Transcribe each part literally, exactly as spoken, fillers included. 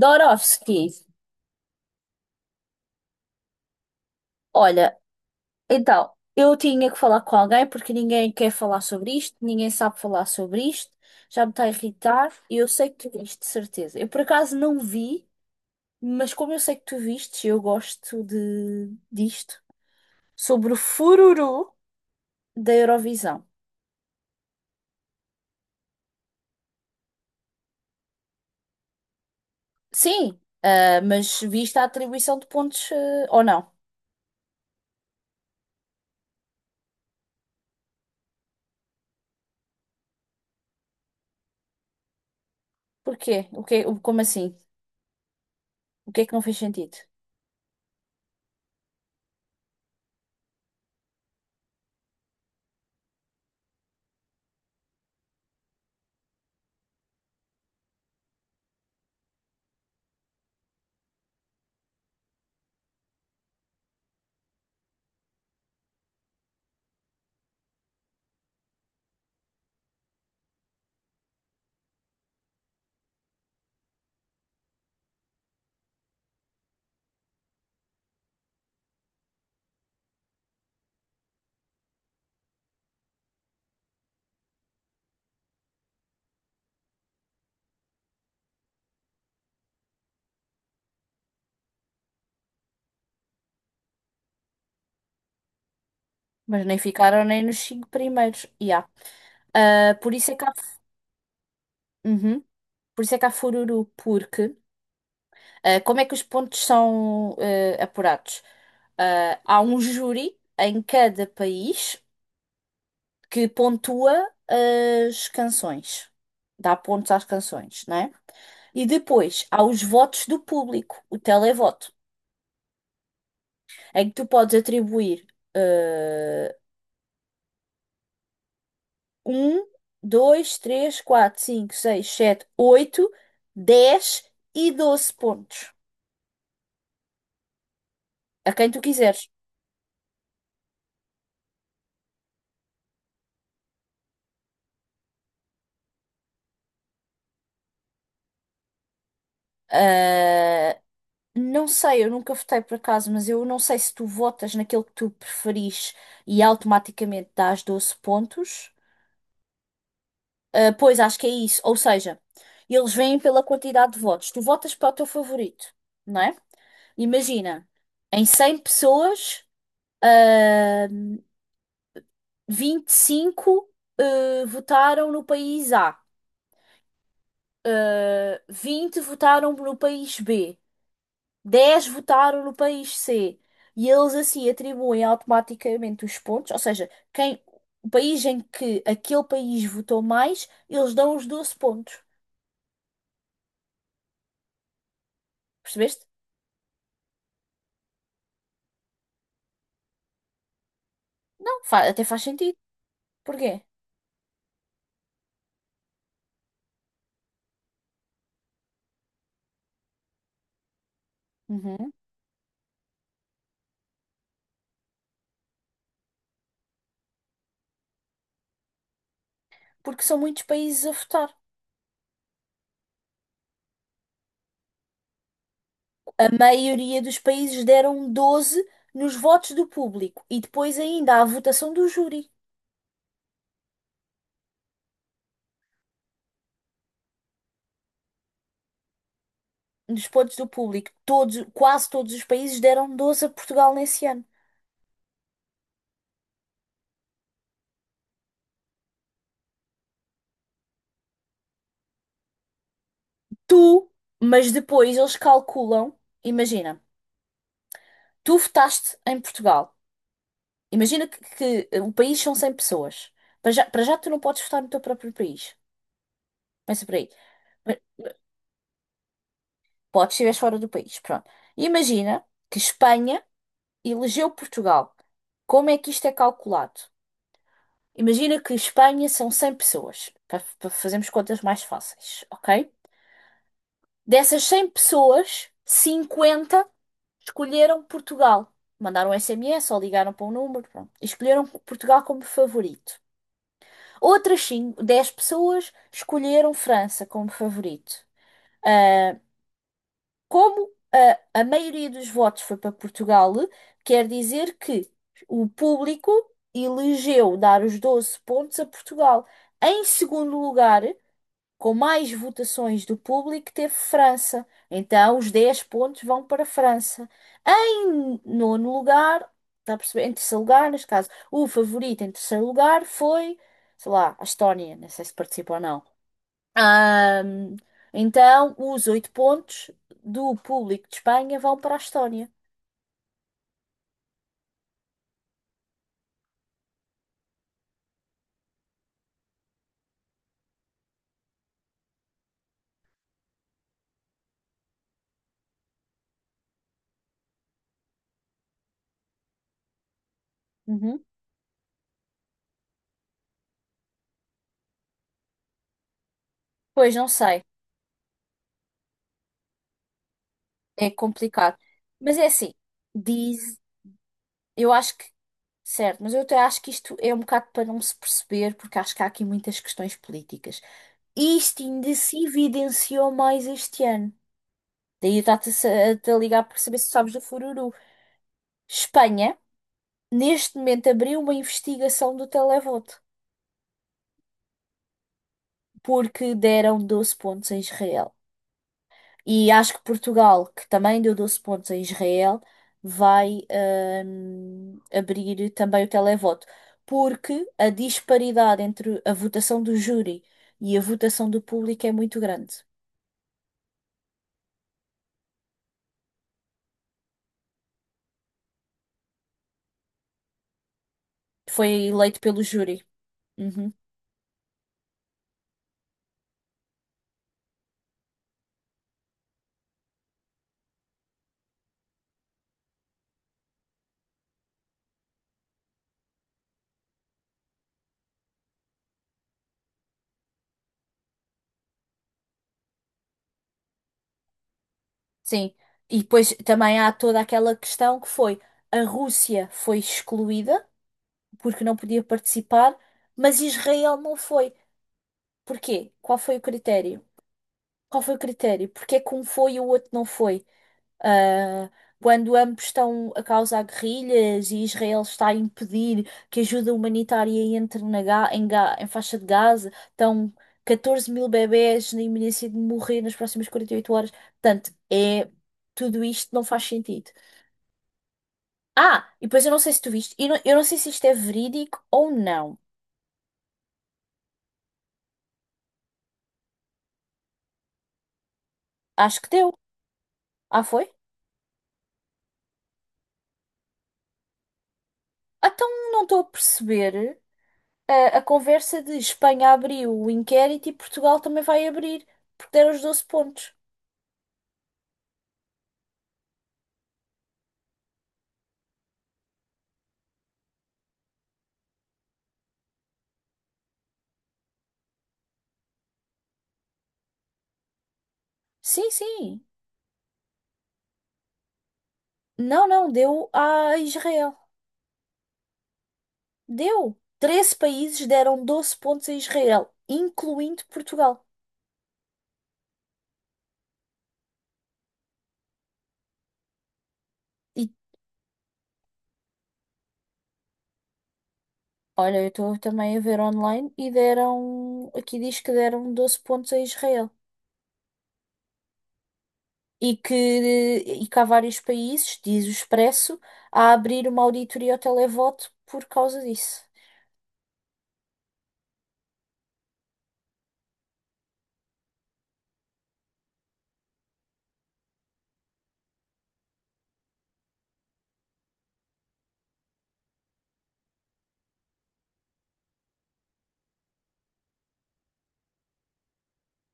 Dorofsky, olha, então, eu tinha que falar com alguém porque ninguém quer falar sobre isto, ninguém sabe falar sobre isto, já me está a irritar e eu sei que tu viste, de certeza. Eu por acaso não vi, mas como eu sei que tu viste, eu gosto de disto, sobre o fururu da Eurovisão. Sim, ah, mas viste a atribuição de pontos, eh, ou não? Porquê? O que, o- como assim? O que é que não fez sentido? Mas nem ficaram nem nos cinco primeiros. Yeah. Ah, por isso é que há. Uhum. Por isso é que há fururu, porque ah, como é que os pontos são ah, apurados? Ah, há um júri em cada país que pontua as canções, dá pontos às canções, não é? E depois há os votos do público, o televoto, em que tu podes atribuir eh, um, dois, três, quatro, cinco, seis, sete, oito, dez e doze pontos a quem tu quiseres. Eh, Não sei, eu nunca votei por acaso, mas eu não sei se tu votas naquele que tu preferis e automaticamente dás doze pontos. Ah, pois, acho que é isso. Ou seja, eles vêm pela quantidade de votos. Tu votas para o teu favorito, não é? Imagina, em cem pessoas, ah, vinte e cinco, ah, votaram no país A, ah, vinte votaram no país B, dez votaram no país C, e eles assim atribuem automaticamente os pontos, ou seja, quem, o país em que aquele país votou mais, eles dão os doze pontos. Percebeste? Não, fa- Até faz sentido. Porquê? Uhum. Porque são muitos países a votar. A maioria dos países deram doze nos votos do público e depois ainda há a votação do júri. Nos pontos do público, todos, quase todos os países deram doze a Portugal nesse ano. Tu, mas depois eles calculam, imagina, tu votaste em Portugal. Imagina que, que eh, o país são cem pessoas. Para já, para já tu não podes votar no teu próprio país. Pensa por aí. Mas podes se estiveres fora do país, pronto. Imagina que Espanha elegeu Portugal. Como é que isto é calculado? Imagina que Espanha são cem pessoas, para, para fazermos contas mais fáceis, ok? Dessas cem pessoas, cinquenta. Escolheram Portugal. Mandaram S M S ou ligaram para um número, pronto. E escolheram Portugal como favorito. Outras cinco dez pessoas escolheram França como favorito. Ah, como ah, a, maioria dos votos foi para Portugal, quer dizer que o público elegeu dar os doze pontos a Portugal. Em segundo lugar, com mais votações do público teve França. Então, os dez pontos vão para a França. Em nono lugar, está a perceber? Em terceiro lugar, neste caso, o favorito em terceiro lugar foi, sei lá, a Estónia. Não sei se participou ou não. Ahm, então, os oito pontos do público de Espanha vão para a Estónia. Uhum. Pois não sei, é complicado. Mas é assim, diz, eu acho que... Certo, mas eu até acho que isto é um bocado para não se perceber, porque acho que há aqui muitas questões políticas. E isto ainda se evidenciou mais este ano. Daí eu estava-te a sa- a te ligar para saber se sabes do fururu. Espanha, neste momento, abriu uma investigação do televoto, porque deram doze pontos a Israel. E acho que Portugal, que também deu doze pontos a Israel, vai hum, abrir também o televoto. Porque a disparidade entre a votação do júri e a votação do público é muito grande. Foi eleito pelo júri. Uhum. Sim. E depois também há toda aquela questão que foi a Rússia foi excluída porque não podia participar, mas Israel não foi. Porquê? Qual foi o critério? Qual foi o critério? Porque é que um foi e o outro não foi? Ah, quando ambos estão a causar guerrilhas e Israel está a impedir que ajuda humanitária entre na Ga- em, Ga- em faixa de Gaza, estão catorze mil bebés na iminência de morrer nas próximas quarenta e oito horas. Portanto, é, tudo isto não faz sentido. Ah, e depois eu não sei se tu viste, eu não, eu não sei se isto é verídico ou não. Acho que deu. Ah, foi? Ah, então não estou a perceber. a, a conversa de Espanha abriu o inquérito e Portugal também vai abrir, porque deram os doze pontos. Sim, sim. Não, não, deu a Israel. Deu. Treze países deram doze pontos a Israel, incluindo Portugal. E olha, eu estou também a ver online e deram. Aqui diz que deram doze pontos a Israel. E que, e que há vários países, diz o Expresso, a abrir uma auditoria ao televoto por causa disso.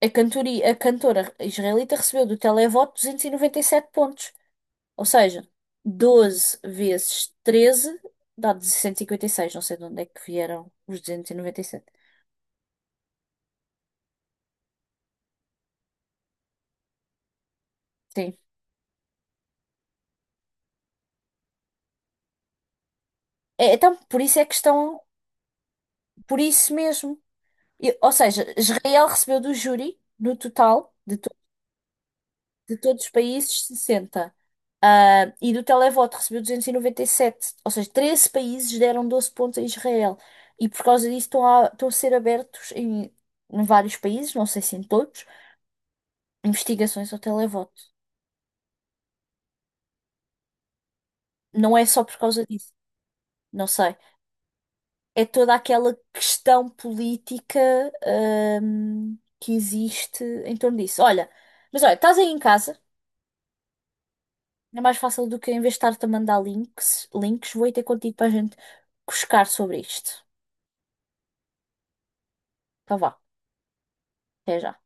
A cantoria, a cantora israelita recebeu do televoto duzentos e e noventa e sete pontos. Ou seja, doze vezes treze dá duzentos e cinquenta e seis. Não sei de onde é que vieram os duzentos e e noventa e sete. Sim. É, então, por isso é que estão. Por isso mesmo. E- ou seja, Israel recebeu do júri, no total, de de todos os países, sessenta. Ah, e do televoto recebeu duzentos e e noventa e sete. Ou seja, treze países deram doze pontos a Israel. E por causa disso estão a, estão a ser abertos em, em vários países, não sei se em todos, investigações ao televoto. Não é só por causa disso, não sei. É toda aquela questão política, ahm, que existe em torno disso. Olha, mas olha, estás aí em casa. É mais fácil do que eu investar-te a mandar links. Links, vou ir ter contigo para a gente cuscar sobre isto. Então vá, até já.